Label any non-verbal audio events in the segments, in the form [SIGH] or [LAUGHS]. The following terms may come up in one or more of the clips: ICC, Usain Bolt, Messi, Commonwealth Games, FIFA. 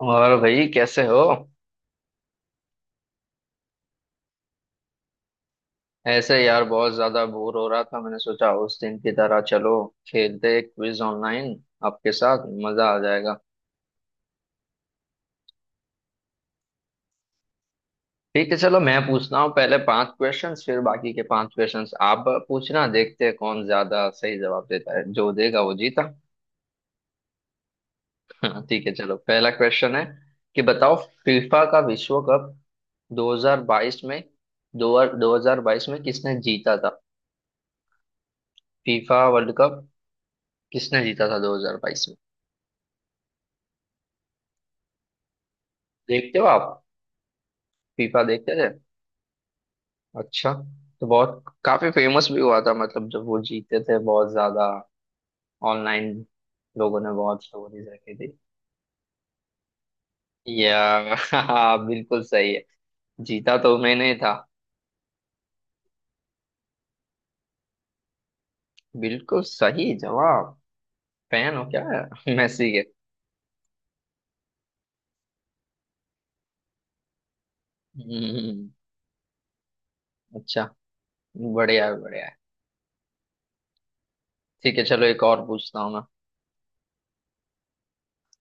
और भाई कैसे हो? ऐसे यार बहुत ज्यादा बोर हो रहा था, मैंने सोचा उस दिन की तरह चलो खेलते क्विज ऑनलाइन, आपके साथ मजा आ जाएगा। ठीक है चलो मैं पूछता हूँ पहले पांच क्वेश्चंस, फिर बाकी के पांच क्वेश्चंस आप पूछना। देखते हैं कौन ज्यादा सही जवाब देता है। जो देगा वो जीता। [LAUGHS] हाँ, ठीक है चलो। पहला क्वेश्चन है कि बताओ फीफा का विश्व कप 2022 में दो 2022 में किसने जीता था? फीफा वर्ल्ड कप किसने जीता था 2022 में? देखते हो आप फीफा? देखते थे? अच्छा। तो बहुत काफी फेमस भी हुआ था, मतलब जब वो जीते थे बहुत ज्यादा, ऑनलाइन लोगों ने बहुत स्टोरीज रखी थी। या [LAUGHS] हाँ, बिल्कुल सही है। जीता तो मैंने ही था। बिल्कुल सही जवाब। फैन हो क्या? [LAUGHS] मेसी के। हम्म। अच्छा। बढ़िया है, बढ़िया है। ठीक है चलो एक और पूछता हूँ मैं,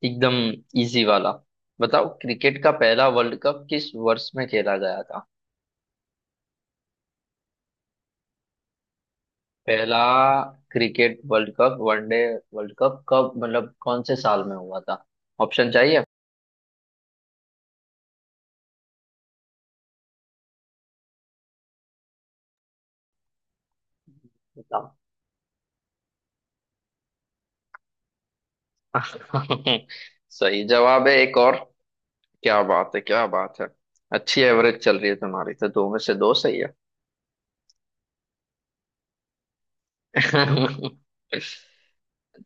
एकदम इजी वाला। बताओ क्रिकेट का पहला वर्ल्ड कप किस वर्ष में खेला गया था? पहला cricket world cup, one day world cup कब, मतलब कौन से साल में हुआ था? ऑप्शन चाहिए? बताओ। [LAUGHS] सही जवाब है। एक और। क्या बात है, क्या बात है। अच्छी एवरेज चल रही है तुम्हारी तो, दो में से दो सही है। [LAUGHS]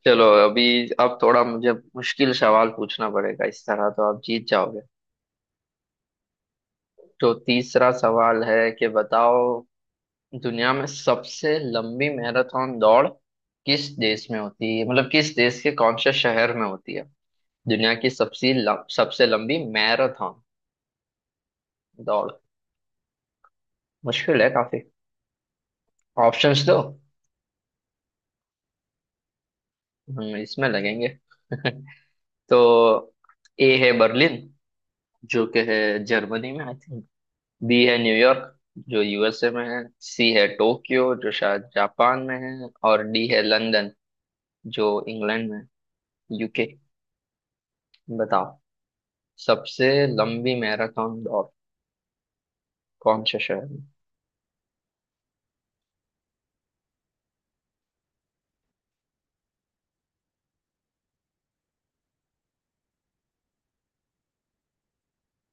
चलो अभी अब थोड़ा मुझे मुश्किल सवाल पूछना पड़ेगा, इस तरह तो आप जीत जाओगे। तो तीसरा सवाल है कि बताओ दुनिया में सबसे लंबी मैराथन दौड़ किस देश में होती है, मतलब किस देश के कौन से शहर में होती है? दुनिया की सबसे लंबी मैराथन दौड़। मुश्किल है काफी। ऑप्शंस दो, हम इसमें लगेंगे। [LAUGHS] तो ए है बर्लिन, जो कि है जर्मनी में आई थिंक। बी है न्यूयॉर्क, जो यूएसए में है। सी है टोक्यो, जो शायद जापान में है। और डी है लंदन, जो इंग्लैंड में, यूके। बताओ सबसे लंबी मैराथन दौड़ कौन से शहर में?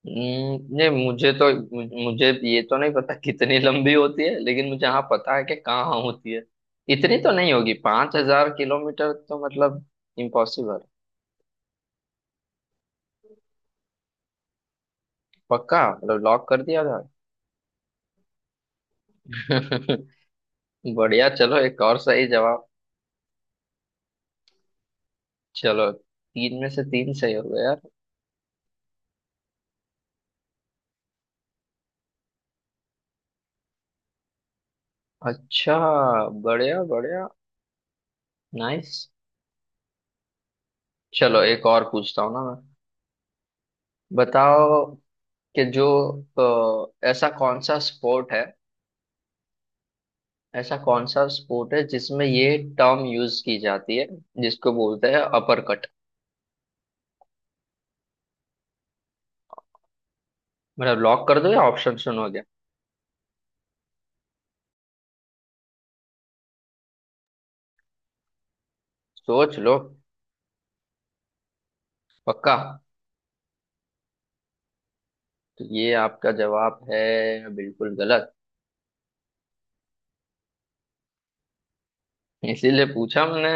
ये मुझे तो, मुझे मुझे ये तो नहीं पता कितनी लंबी होती है, लेकिन मुझे हाँ पता है कि कहाँ होती है। इतनी तो नहीं होगी 5,000 किलोमीटर, तो मतलब इम्पॉसिबल। पक्का, मतलब लॉक कर दिया था। [LAUGHS] बढ़िया, चलो एक और सही जवाब। चलो तीन में से तीन सही हो गया यार। अच्छा, बढ़िया बढ़िया। नाइस। चलो एक और पूछता हूँ ना। बताओ कि जो ऐसा कौन सा स्पोर्ट है, ऐसा कौन सा स्पोर्ट है जिसमें ये टर्म यूज की जाती है, जिसको बोलते हैं अपर कट? मतलब लॉक कर दो या ऑप्शन सुनोगे? सोच लो। पक्का? तो ये आपका जवाब है। बिल्कुल गलत। इसीलिए पूछा हमने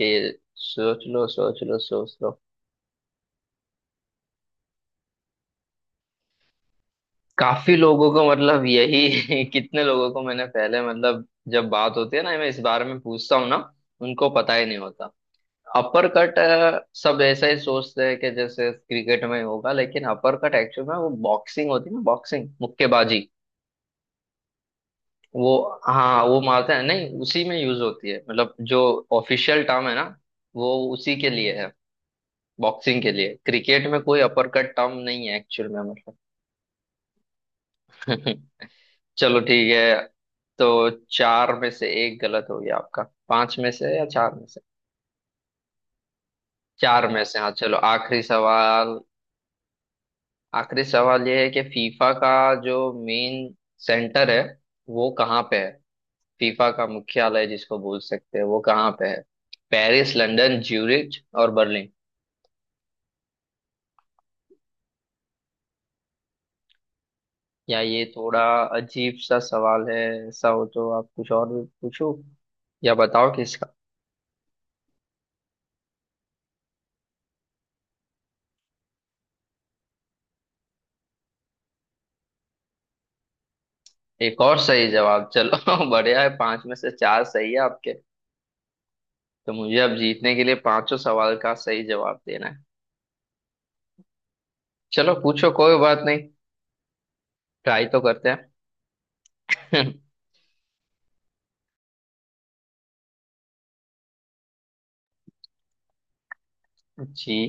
कि सोच लो, सोच लो, सोच लो। काफी लोगों को, मतलब यही [LAUGHS] कितने लोगों को मैंने पहले, मतलब जब बात होती है ना, मैं इस बारे में पूछता हूँ ना, उनको पता ही नहीं होता। अपर कट, सब ऐसा ही सोचते हैं कि जैसे क्रिकेट में होगा, लेकिन अपर कट एक्चुअल में वो बॉक्सिंग होती है ना, बॉक्सिंग, मुक्केबाजी। वो, हाँ वो मारते हैं नहीं, उसी में यूज होती है, मतलब जो ऑफिशियल टर्म है ना वो उसी के लिए है, बॉक्सिंग के लिए। क्रिकेट में कोई अपर कट टर्म नहीं है एक्चुअल में, मतलब। [LAUGHS] चलो ठीक है। तो चार में से एक गलत हो गया आपका। पांच में से या चार में से? चार में से, हाँ। चलो आखिरी सवाल। आखिरी सवाल ये है कि फीफा का जो मेन सेंटर है, वो कहाँ पे है? फीफा का मुख्यालय जिसको बोल सकते हैं, वो कहाँ पे है? पेरिस, लंदन, ज्यूरिच और बर्लिन। या ये थोड़ा अजीब सा सवाल है, ऐसा हो तो आप कुछ और भी पूछो, या बताओ कि इसका। एक और सही जवाब, चलो। [LAUGHS] बढ़िया है, पांच में से चार सही है आपके। तो मुझे अब जीतने के लिए पांचों सवाल का सही जवाब देना है। चलो पूछो, कोई बात नहीं। ट्राई तो करते हैं। [LAUGHS] जी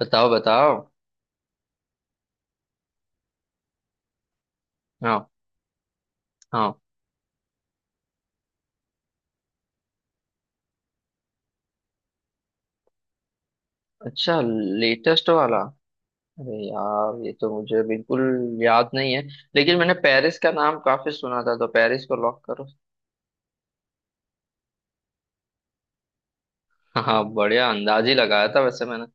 बताओ, बताओ। हाँ। हाँ। अच्छा, लेटेस्ट वाला। अरे यार ये तो मुझे बिल्कुल याद नहीं है, लेकिन मैंने पेरिस का नाम काफी सुना था, तो पेरिस को लॉक करो। हाँ बढ़िया। अंदाज ही लगाया था वैसे मैंने।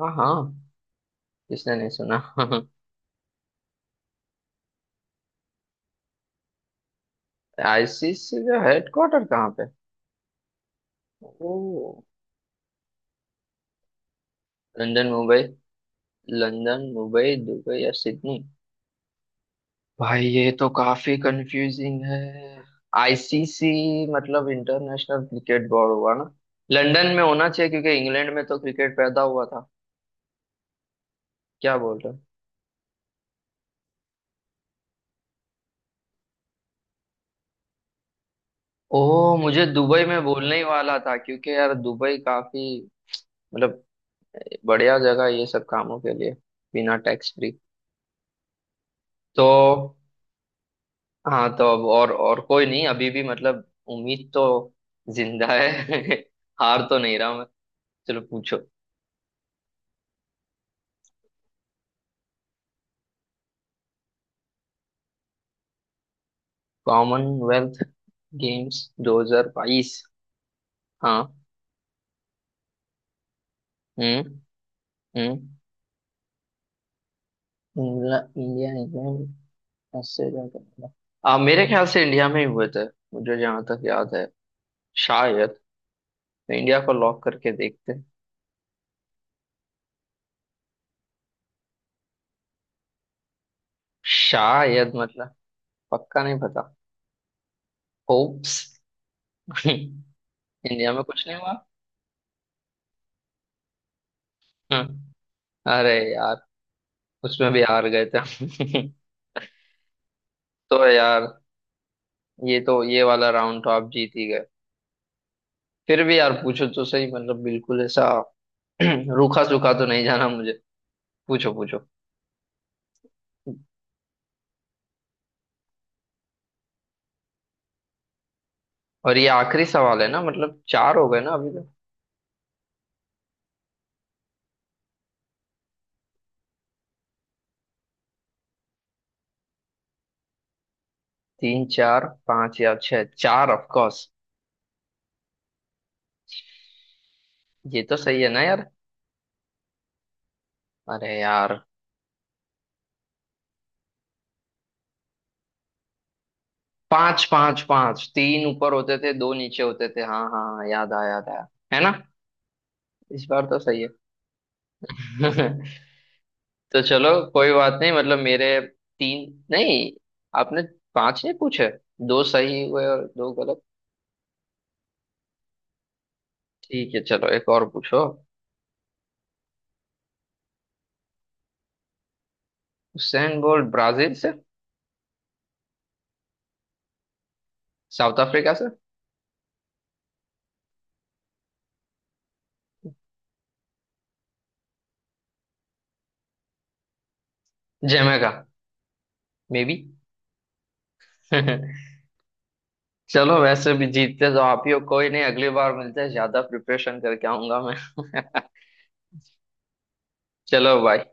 हाँ हाँ। किसने नहीं सुना। [LAUGHS] आईसीसी का हेडक्वार्टर कहाँ पे? ओ, London, Mumbai. London, Mumbai, Dubai या सिडनी। भाई ये तो काफी कंफ्यूजिंग है। आईसीसी, मतलब इंटरनेशनल क्रिकेट बोर्ड हुआ ना, लंदन में होना चाहिए क्योंकि इंग्लैंड में तो क्रिकेट पैदा हुआ था। क्या बोल रहे हो? ओह, मुझे दुबई में बोलने ही वाला था, क्योंकि यार दुबई काफी, मतलब, बढ़िया जगह है ये सब कामों के लिए, बिना टैक्स फ्री। तो हाँ, तो अब और कोई नहीं, अभी भी मतलब उम्मीद तो जिंदा है। [LAUGHS] हार तो नहीं रहा मैं। चलो पूछो। Commonwealth Games 2022। हाँ। हम्म। हम्म। England, India, England, Australia, Canada. आ, मेरे ख्याल से इंडिया में ही हुए थे, मुझे जहां तक याद है शायद, तो इंडिया को लॉक करके देखते हैं। शायद, मतलब पक्का नहीं पता। होप्स। [LAUGHS] इंडिया में कुछ नहीं हुआ। हम्म, अरे यार उसमें भी हार गए थे हम। [LAUGHS] तो यार, ये तो ये वाला राउंड तो आप जीत ही गए। फिर भी यार पूछो तो सही, मतलब बिल्कुल ऐसा [CLEARS THROAT] रूखा सूखा तो नहीं जाना मुझे। पूछो पूछो। और ये आखिरी सवाल है ना, मतलब चार हो गए ना अभी तक? तीन, चार, पांच या छह? चार, ऑफ कोर्स, ये तो सही है ना यार। अरे यार। पांच, पांच पांच, तीन ऊपर होते थे दो नीचे होते थे, हाँ हाँ हाँ, याद आया याद आया, है ना? इस बार तो सही है। [LAUGHS] तो चलो, कोई बात नहीं, मतलब मेरे तीन नहीं, आपने पांच नहीं पूछे, दो सही हुए और दो गलत। ठीक है चलो एक और पूछो। हुसैन बोल्ट ब्राजील से। साउथ अफ्रीका से। जमेगा, मे बी। [LAUGHS] चलो वैसे भी जीतते तो आप ही हो, कोई नहीं, अगली बार मिलते हैं, ज्यादा प्रिपरेशन करके आऊंगा मैं। [LAUGHS] चलो भाई।